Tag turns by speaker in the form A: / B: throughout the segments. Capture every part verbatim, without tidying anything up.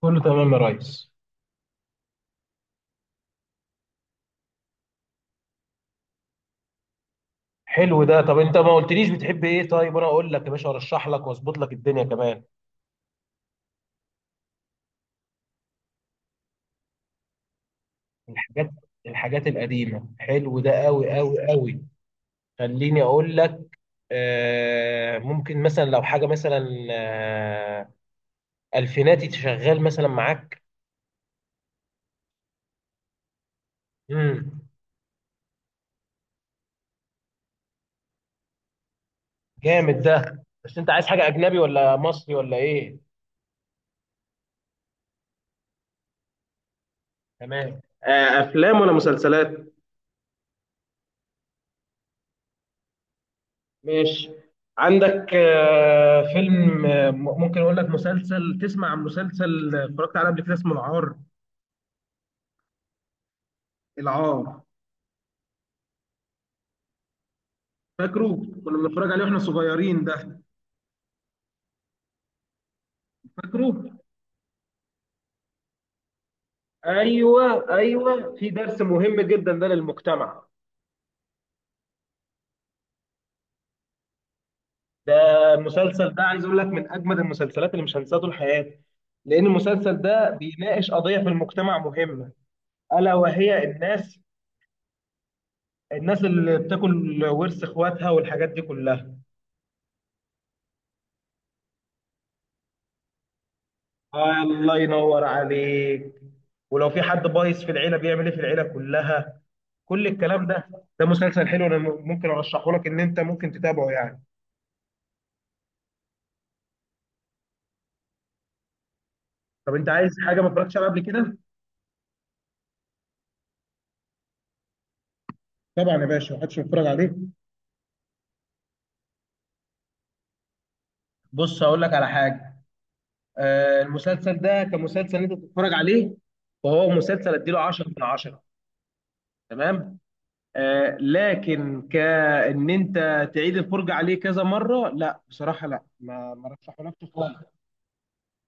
A: كله تمام يا ريس. حلو ده. طب انت ما قلتليش بتحب ايه؟ طيب وانا اقول لك يا باشا، ارشح لك واظبط لك الدنيا كمان. الحاجات الحاجات القديمه، حلو ده قوي قوي قوي. خليني اقول لك. آه ممكن مثلا، لو حاجه مثلا، آه الفيناتي شغال مثلا معاك؟ امم جامد ده. بس انت عايز حاجه اجنبي ولا مصري ولا ايه؟ تمام. آه افلام ولا مسلسلات؟ ماشي. عندك آه، فيلم، آه، م- ممكن اقول لك مسلسل، تسمع عن مسلسل آه، اتفرجت عليه قبل كده اسمه العار. العار. فاكره؟ كنا بنتفرج عليه واحنا صغيرين ده، فاكره؟ ايوه ايوه، في درس مهم جدا ده للمجتمع. ده المسلسل ده عايز اقول لك من اجمد المسلسلات اللي مش هنساها طول حياتي، لان المسلسل ده بيناقش قضيه في المجتمع مهمه، الا وهي الناس الناس اللي بتاكل ورث اخواتها والحاجات دي كلها. آه، الله ينور عليك. ولو في حد بايظ في العيله بيعمل ايه في العيله كلها، كل الكلام ده. ده مسلسل حلو، انا ممكن ارشحه لك ان انت ممكن تتابعه يعني. طب انت عايز حاجه ما اتفرجتش عليها قبل كده؟ طبعا يا باشا محدش بيتفرج عليه. بص هقول لك على حاجه. آه المسلسل ده كمسلسل انت بتتفرج عليه، وهو مسلسل اديله عشرة من عشرة، تمام. آه، لكن كان انت تعيد الفرجه عليه كذا مره؟ لا بصراحه لا، ما ما رشحه لكش خالص.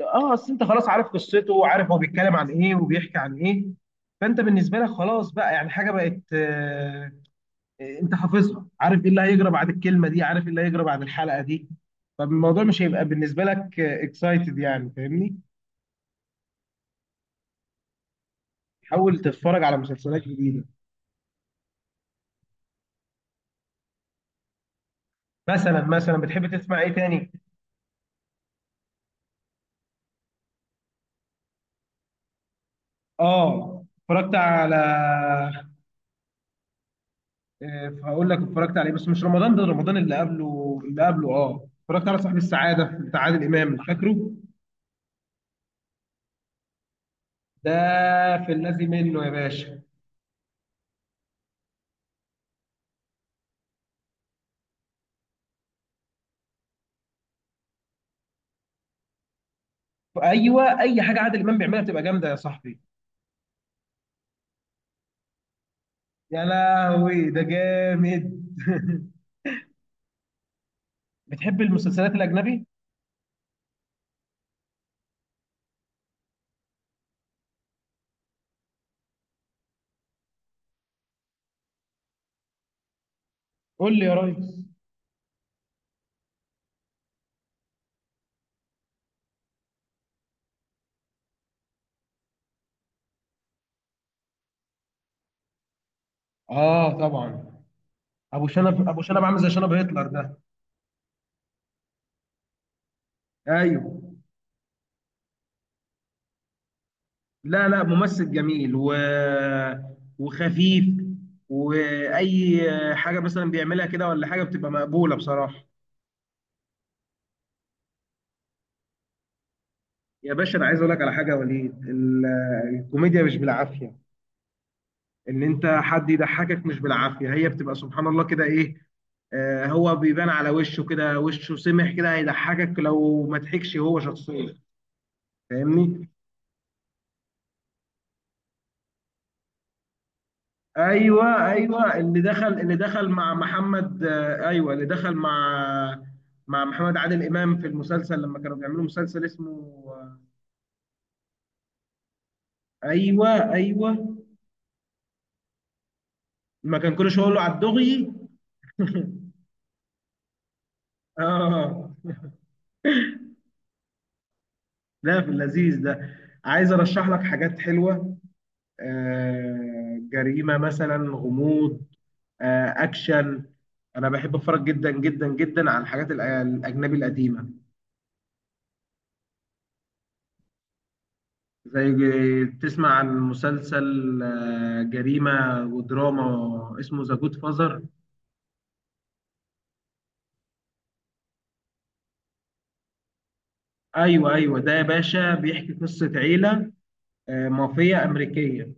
A: اه، اصل انت خلاص عارف قصته، وعارف هو بيتكلم عن ايه وبيحكي عن ايه، فانت بالنسبه لك خلاص بقى يعني حاجه بقت، آه، آه، انت حافظها، عارف ايه اللي هيجرى بعد الكلمه دي، عارف ايه اللي هيجرى بعد الحلقه دي، فالموضوع مش هيبقى بالنسبه لك اكسايتد يعني، فاهمني؟ حاول تتفرج على مسلسلات جديده. مثلا مثلا بتحب تسمع ايه تاني؟ اه، اتفرجت على، آه، هقول لك اتفرجت على ايه، بس مش رمضان ده، رمضان اللي قبله اللي قبله. اه، اتفرجت على صاحب السعاده بتاع عادل امام، فاكره ده؟ في الذي منه يا باشا. ايوه، اي حاجه عادل امام بيعملها بتبقى جامده يا صاحبي. يا لهوي ده جامد بتحب المسلسلات الاجنبي؟ قول لي يا ريس. اه طبعا. ابو شنب ابو شنب عامل زي شنب هتلر ده. ايوه، لا لا، ممثل جميل و... وخفيف، واي حاجه مثلا بيعملها كده ولا حاجه بتبقى مقبوله بصراحه. يا باشا انا عايز اقول لك على حاجه يا وليد، ال- الكوميديا مش بالعافيه، ان انت حد يضحكك مش بالعافيه، هي بتبقى سبحان الله كده، ايه، آه، هو بيبان على وشه كده، وشه سمح كده، هيضحكك لو ما ضحكش هو شخصيا، فاهمني؟ ايوه ايوه، اللي دخل اللي دخل مع محمد، آه ايوه، اللي دخل مع مع محمد عادل امام في المسلسل لما كانوا بيعملوا مسلسل اسمه، آه، ايوه ايوه، ما كان كل شويه يقول له على الدغي اه، لا، في اللذيذ ده. عايز ارشح لك حاجات حلوه. آه، جريمة مثلا، غموض، آه، أكشن. أنا بحب أتفرج جدا جدا جدا على الحاجات الأ- الأجنبي القديمة. زي ج- تسمع عن مسلسل آه، جريمة ودراما اسمه ذا جود فازر؟ أيوه أيوه، ده يا باشا بيحكي قصة عيلة، آه، مافيا أمريكية،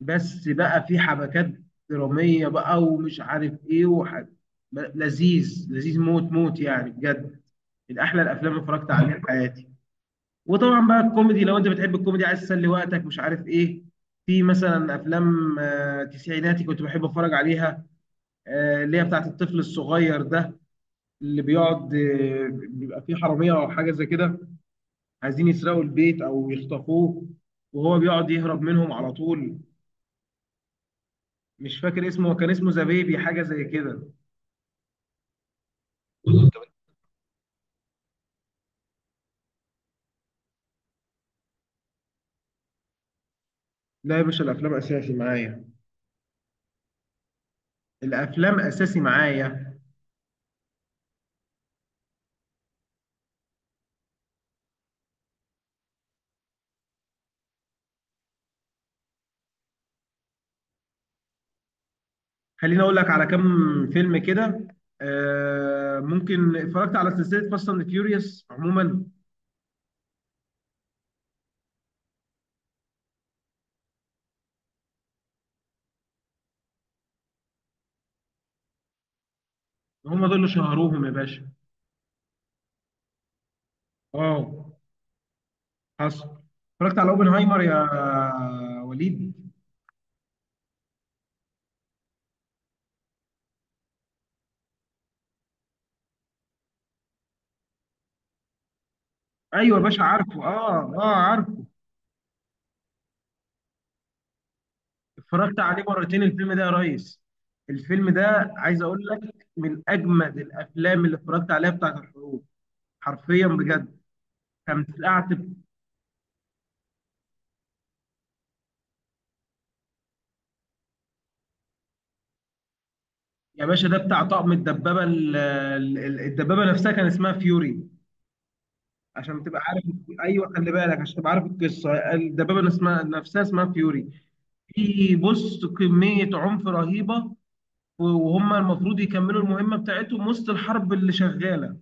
A: بس بقى في حبكات درامية بقى، ومش عارف إيه، وح... ب- لذيذ لذيذ موت موت يعني بجد، من أحلى الأفلام اللي اتفرجت عليها في حياتي. وطبعا بقى الكوميدي، لو انت بتحب الكوميدي عايز تسلي وقتك مش عارف ايه، في مثلا افلام آه، تسعيناتي كنت بحب اتفرج عليها، آه، اللي هي بتاعت الطفل الصغير ده، اللي بيقعد آه، بيبقى فيه حراميه او حاجه زي كده، عايزين يسرقوا البيت او يخطفوه، وهو بيقعد يهرب منهم على طول. مش فاكر اسمه، هو كان اسمه ذا بيبي حاجه زي كده. لا يا باشا الافلام اساسي معايا. الافلام اساسي معايا. خليني اقول لك على كام فيلم كده. آه ممكن اتفرجت على سلسله فاست اند فيوريوس عموما. هم دول اللي شهروهم يا باشا. اه، حصل. اتفرجت على اوبنهايمر يا وليد؟ ايوه يا باشا عارفه، اه اه عارفه. اتفرجت عليه مرتين الفيلم ده يا ريس. الفيلم ده عايز اقول لك من اجمد الافلام اللي اتفرجت عليها بتاعت الحروب، حرفيا بجد. كانت قعدت. يا باشا ده بتاع طقم الدبابه، ال- ال- الدبابه نفسها كان اسمها فيوري عشان تبقى عارف. ايوه، خلي بالك عشان تبقى عارف، القصه الدبابه اسمها نفسها اسمها فيوري. في بص كميه عنف رهيبه، وهم المفروض يكملوا المهمه بتاعتهم وسط الحرب اللي شغاله،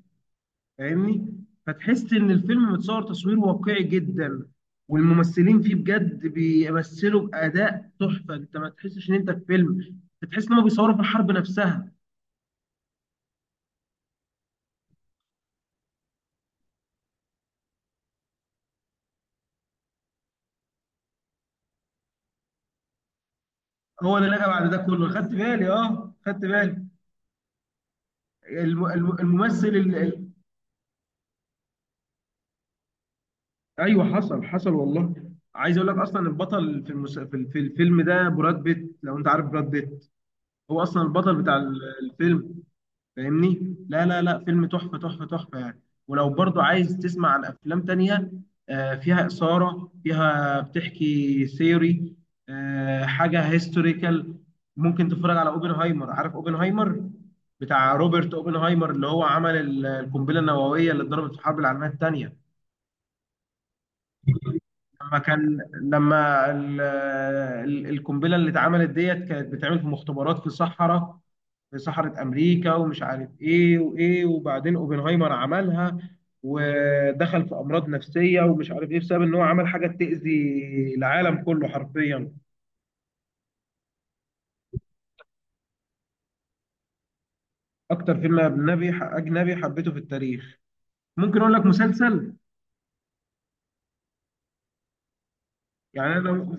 A: فاهمني؟ فتحس ان الفيلم متصور تصوير واقعي جدا، والممثلين فيه بجد بيمثلوا باداء تحفه. انت ما تحسش ان انت في فيلم، بتحس ان هم بيصوروا في الحرب نفسها. هو اللي لقى بعد ده كله، خدت بالي، اه خدت بالي. الم- الم- الممثل ال- ايوه، حصل حصل والله. عايز اقول لك اصلا البطل في المس... في ال- في الفيلم ده براد بيت، لو انت عارف براد بيت. هو اصلا البطل بتاع ال- الفيلم، فاهمني؟ لا لا لا، فيلم تحفه تحفه تحفه يعني. ولو برضو عايز تسمع عن افلام تانية، آه، فيها اثاره، فيها بتحكي ثيوري، آه، حاجه هيستوريكال، ممكن تتفرج على اوبنهايمر، عارف اوبنهايمر؟ بتاع روبرت اوبنهايمر اللي هو عمل ال- القنبله النوويه اللي اتضربت في الحرب العالميه الثانيه. لما كان، لما ال- ال- القنبله اللي اتعملت ديت كانت بتتعمل في مختبرات في صحراء، في صحراء امريكا، ومش عارف ايه وايه، وبعدين اوبنهايمر عملها ودخل في امراض نفسيه ومش عارف ايه، بسبب ان هو عمل حاجه تاذي العالم كله حرفيا. اكتر فيلم اجنبي اجنبي حبيته في التاريخ. ممكن اقول لك مسلسل. يعني انا لو-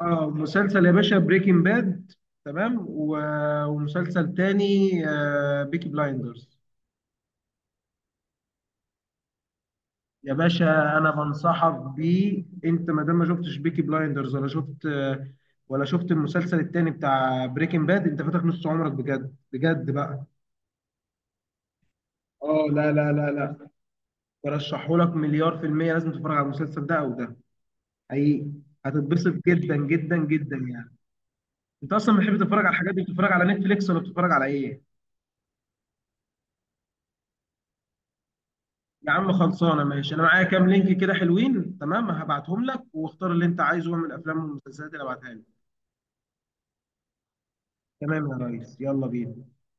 A: اه مسلسل يا باشا، بريكنج باد، تمام، و- ومسلسل تاني آه، بيكي بلايندرز. يا باشا انا بنصحك بيه، انت ما دام ما شفتش بيكي بلايندرز ولا شفت ولا شفت المسلسل التاني بتاع بريكنج باد، انت فاتك نص عمرك بجد بجد بقى. اه لا لا لا لا، برشحه لك مليار في المية، لازم تتفرج على المسلسل ده او ده، حقيقي، هتتبسط جدا جدا جدا يعني. انت اصلا بتحب تتفرج على الحاجات دي، بتتفرج على نتفليكس ولا بتتفرج على ايه؟ يا عم خلصانه ماشي، انا معايا كام لينك كده حلوين، تمام، هبعتهم لك واختار اللي انت عايزه من الافلام والمسلسلات اللي هبعتها لك. تمام يا ريس، يلا بينا.